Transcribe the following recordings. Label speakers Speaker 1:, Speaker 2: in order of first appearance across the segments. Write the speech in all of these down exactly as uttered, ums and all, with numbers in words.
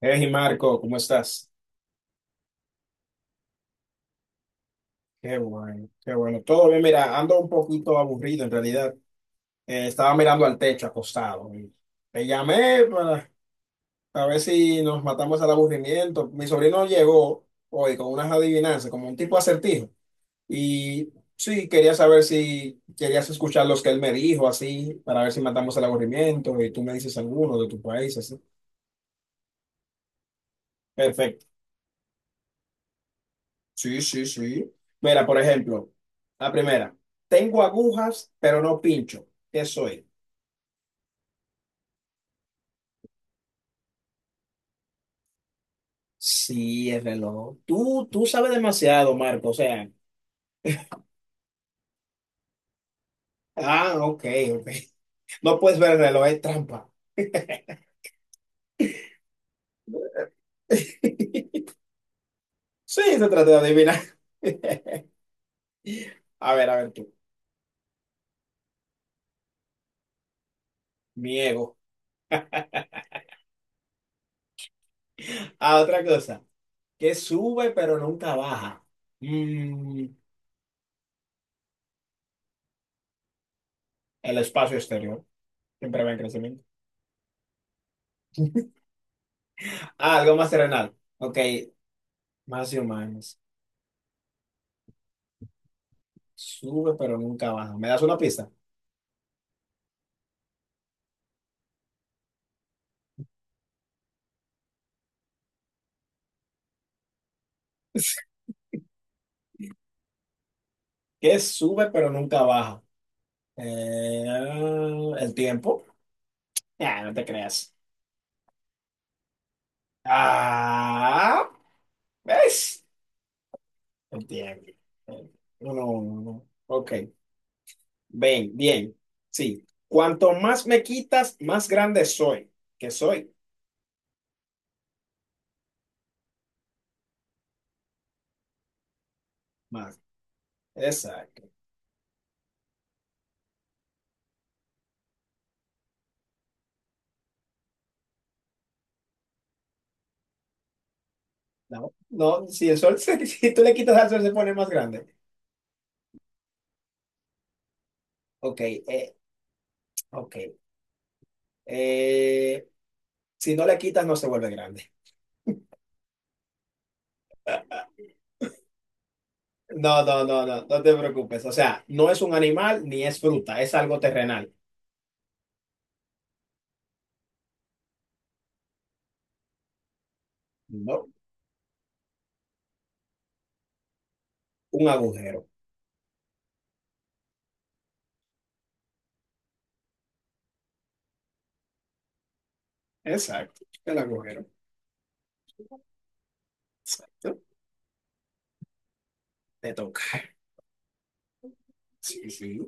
Speaker 1: Hey Marco, ¿cómo estás? Qué bueno, qué bueno. Todo bien, mira, ando un poquito aburrido en realidad. Eh, estaba mirando al techo acostado. y Te llamé para a ver si nos matamos al aburrimiento. Mi sobrino llegó hoy con unas adivinanzas, como un tipo acertijo. Y sí, quería saber si querías escuchar los que él me dijo, así, para ver si matamos al aburrimiento y tú me dices alguno de tu país, así. Perfecto. Sí, sí, sí. Mira, por ejemplo, la primera. Tengo agujas, pero no pincho. ¿Qué soy? Sí, el reloj. Tú, tú sabes demasiado, Marco. O sea, ah, ok, ok. No puedes ver el reloj, es trampa. Sí, se trata de adivinar. A ver, a ver tú. Mi ego. Ah, otra cosa. Que sube, pero nunca baja. Mm, el espacio exterior. Siempre va en crecimiento. Ah, algo más terrenal. Ok, más humanos. Sube pero nunca baja. ¿Me das una pista? ¿Qué sube pero nunca baja? Eh, el tiempo. Ah, no te creas. Ah, ¿ves? El tiempo. No, no, no. Ok. Bien, bien. Sí. Cuanto más me quitas, más grande soy. ¿Qué soy? Más. Exacto. No, no, si el sol, se- si tú le quitas al sol, se pone más grande. Ok, eh, ok. Eh, si no le quitas, no se vuelve grande. No, no, no, no, no te preocupes. O sea, no es un animal ni es fruta, es algo terrenal. No, un agujero. Exacto, el agujero. Exacto. Te toca. Sí, sí.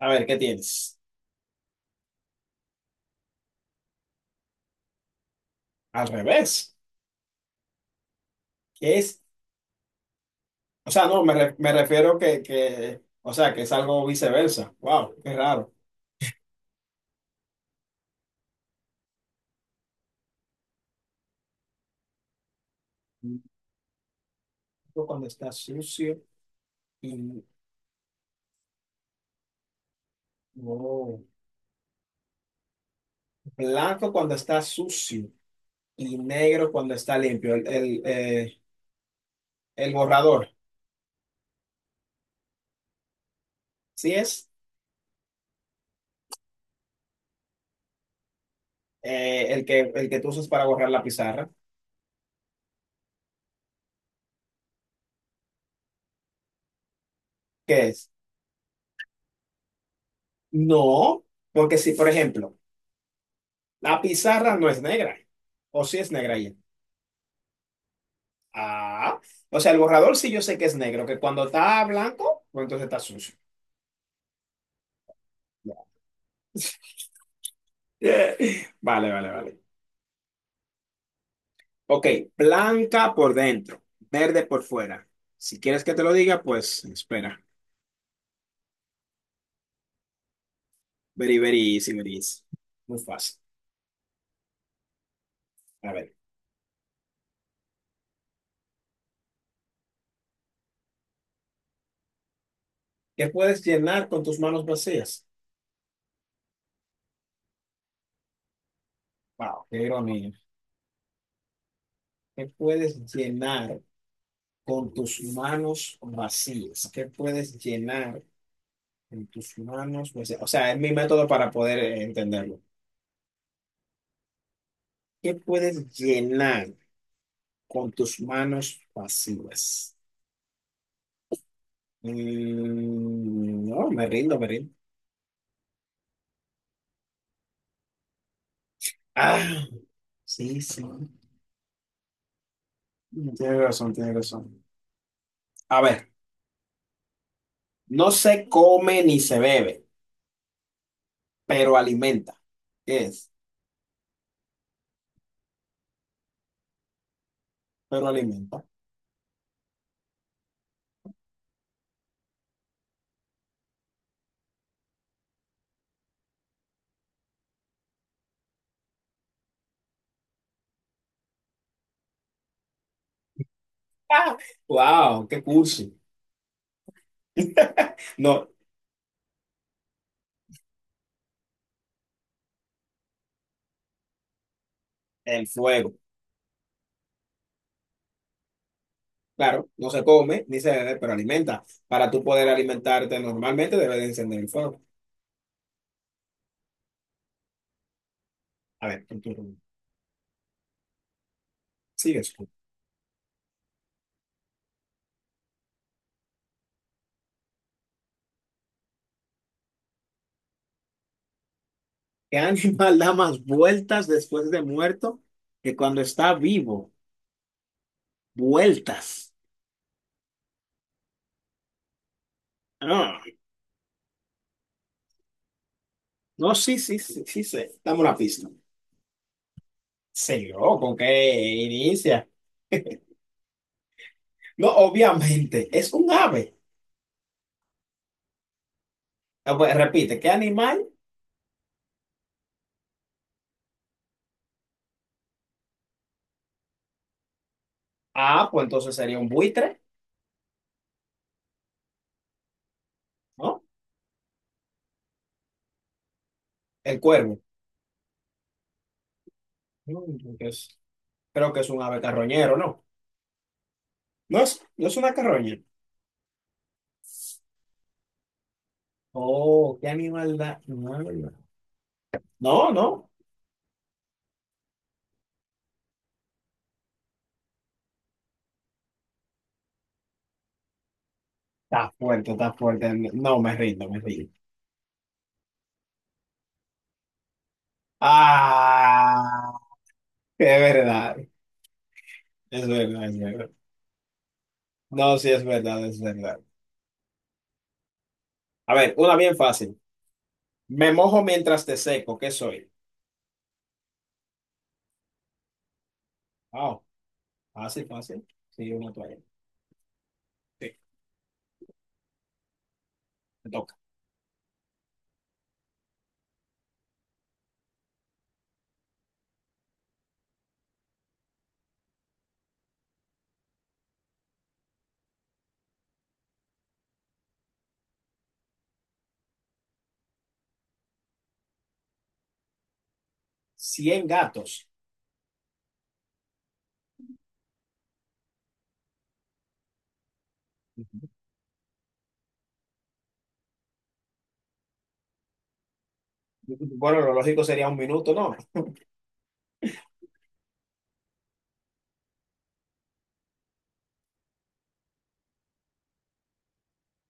Speaker 1: A ver, ¿qué tienes? Al revés. ¿Qué es? O sea, no, me, re- me refiero que, que, o sea, que es algo viceversa. Wow, qué raro. Blanco cuando está sucio y oh, blanco cuando está sucio y negro cuando está limpio. El, el, eh, el borrador. ¿Sí es? Eh, el que, el que tú usas para borrar la pizarra, ¿qué es? No, porque si, por ejemplo, la pizarra no es negra, o si es negra ya. Ah, o sea, el borrador sí yo sé que es negro, que cuando está blanco, pues entonces está sucio. Vale, vale, vale. Ok, blanca por dentro, verde por fuera. Si quieres que te lo diga, pues espera. Very, very easy, very easy. Muy fácil. A ver, ¿qué puedes llenar con tus manos vacías? Wow, qué ironía. ¿Qué puedes llenar con tus manos vacías? ¿Qué puedes llenar con tus manos vacías? O sea, es mi método para poder eh, entenderlo. ¿Qué puedes llenar con tus manos vacías? Mm, no, me rindo, me rindo. Ah, sí, sí. Tienes razón, tienes razón. A ver, no se come ni se bebe, pero alimenta. ¿Qué es? Pero alimenta. Ah, ¡wow! ¡Qué cursi! No, el fuego. Claro, no se come ni se bebe, pero alimenta. Para tú poder alimentarte normalmente, debes de encender el fuego. A ver, tu turno. Sigues tú. ¿Qué animal da más vueltas después de muerto que cuando está vivo? Vueltas. Ah, no, sí, sí, sí, sí sé. Dame una pista. Seguro, ¿con qué inicia? No, obviamente, es un ave. Ah, pues, repite, ¿qué animal? Ah, pues entonces sería un buitre, ¿no? El cuervo. No, entonces, creo que es un ave carroñero, ¿no? No es, no es una carroña. Oh, ¿qué animal da? No, no, no. Está fuerte, está fuerte. No, me rindo, me rindo. Ah, es verdad, es verdad, es verdad. No, sí, es verdad, es verdad. A ver, una bien fácil. Me mojo mientras te seco, ¿qué soy? Wow. Fácil, fácil. Sí, una toalla. Sí, me toca. Cien gatos. Ujú. Bueno, lo lógico sería un minuto, ¿no?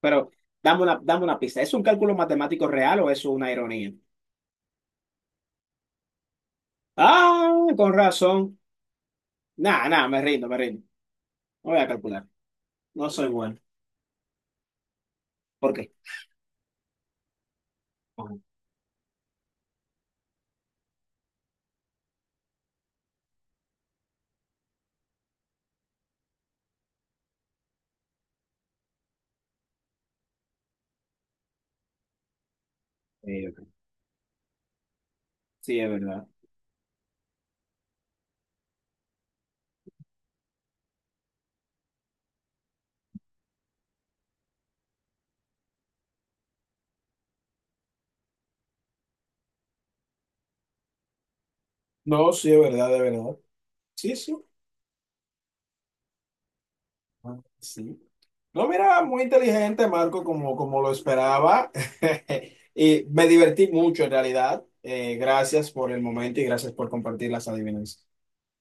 Speaker 1: Pero dame una, dame una pista. ¿Es un cálculo matemático real o es una ironía? Ah, con razón. Nah, nah, me rindo, me rindo. No voy a calcular. No soy bueno. ¿Por qué? Ok, ok. Sí, es verdad. No, sí, es verdad, de verdad. Sí, sí. Ah, sí. No, mira, muy inteligente, Marco, como, como lo esperaba. Y me divertí mucho, en realidad. Eh, gracias por el momento y gracias por compartir las adivinanzas.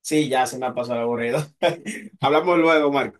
Speaker 1: Sí, ya se me ha pasado el aburrido. Hablamos luego, Marco.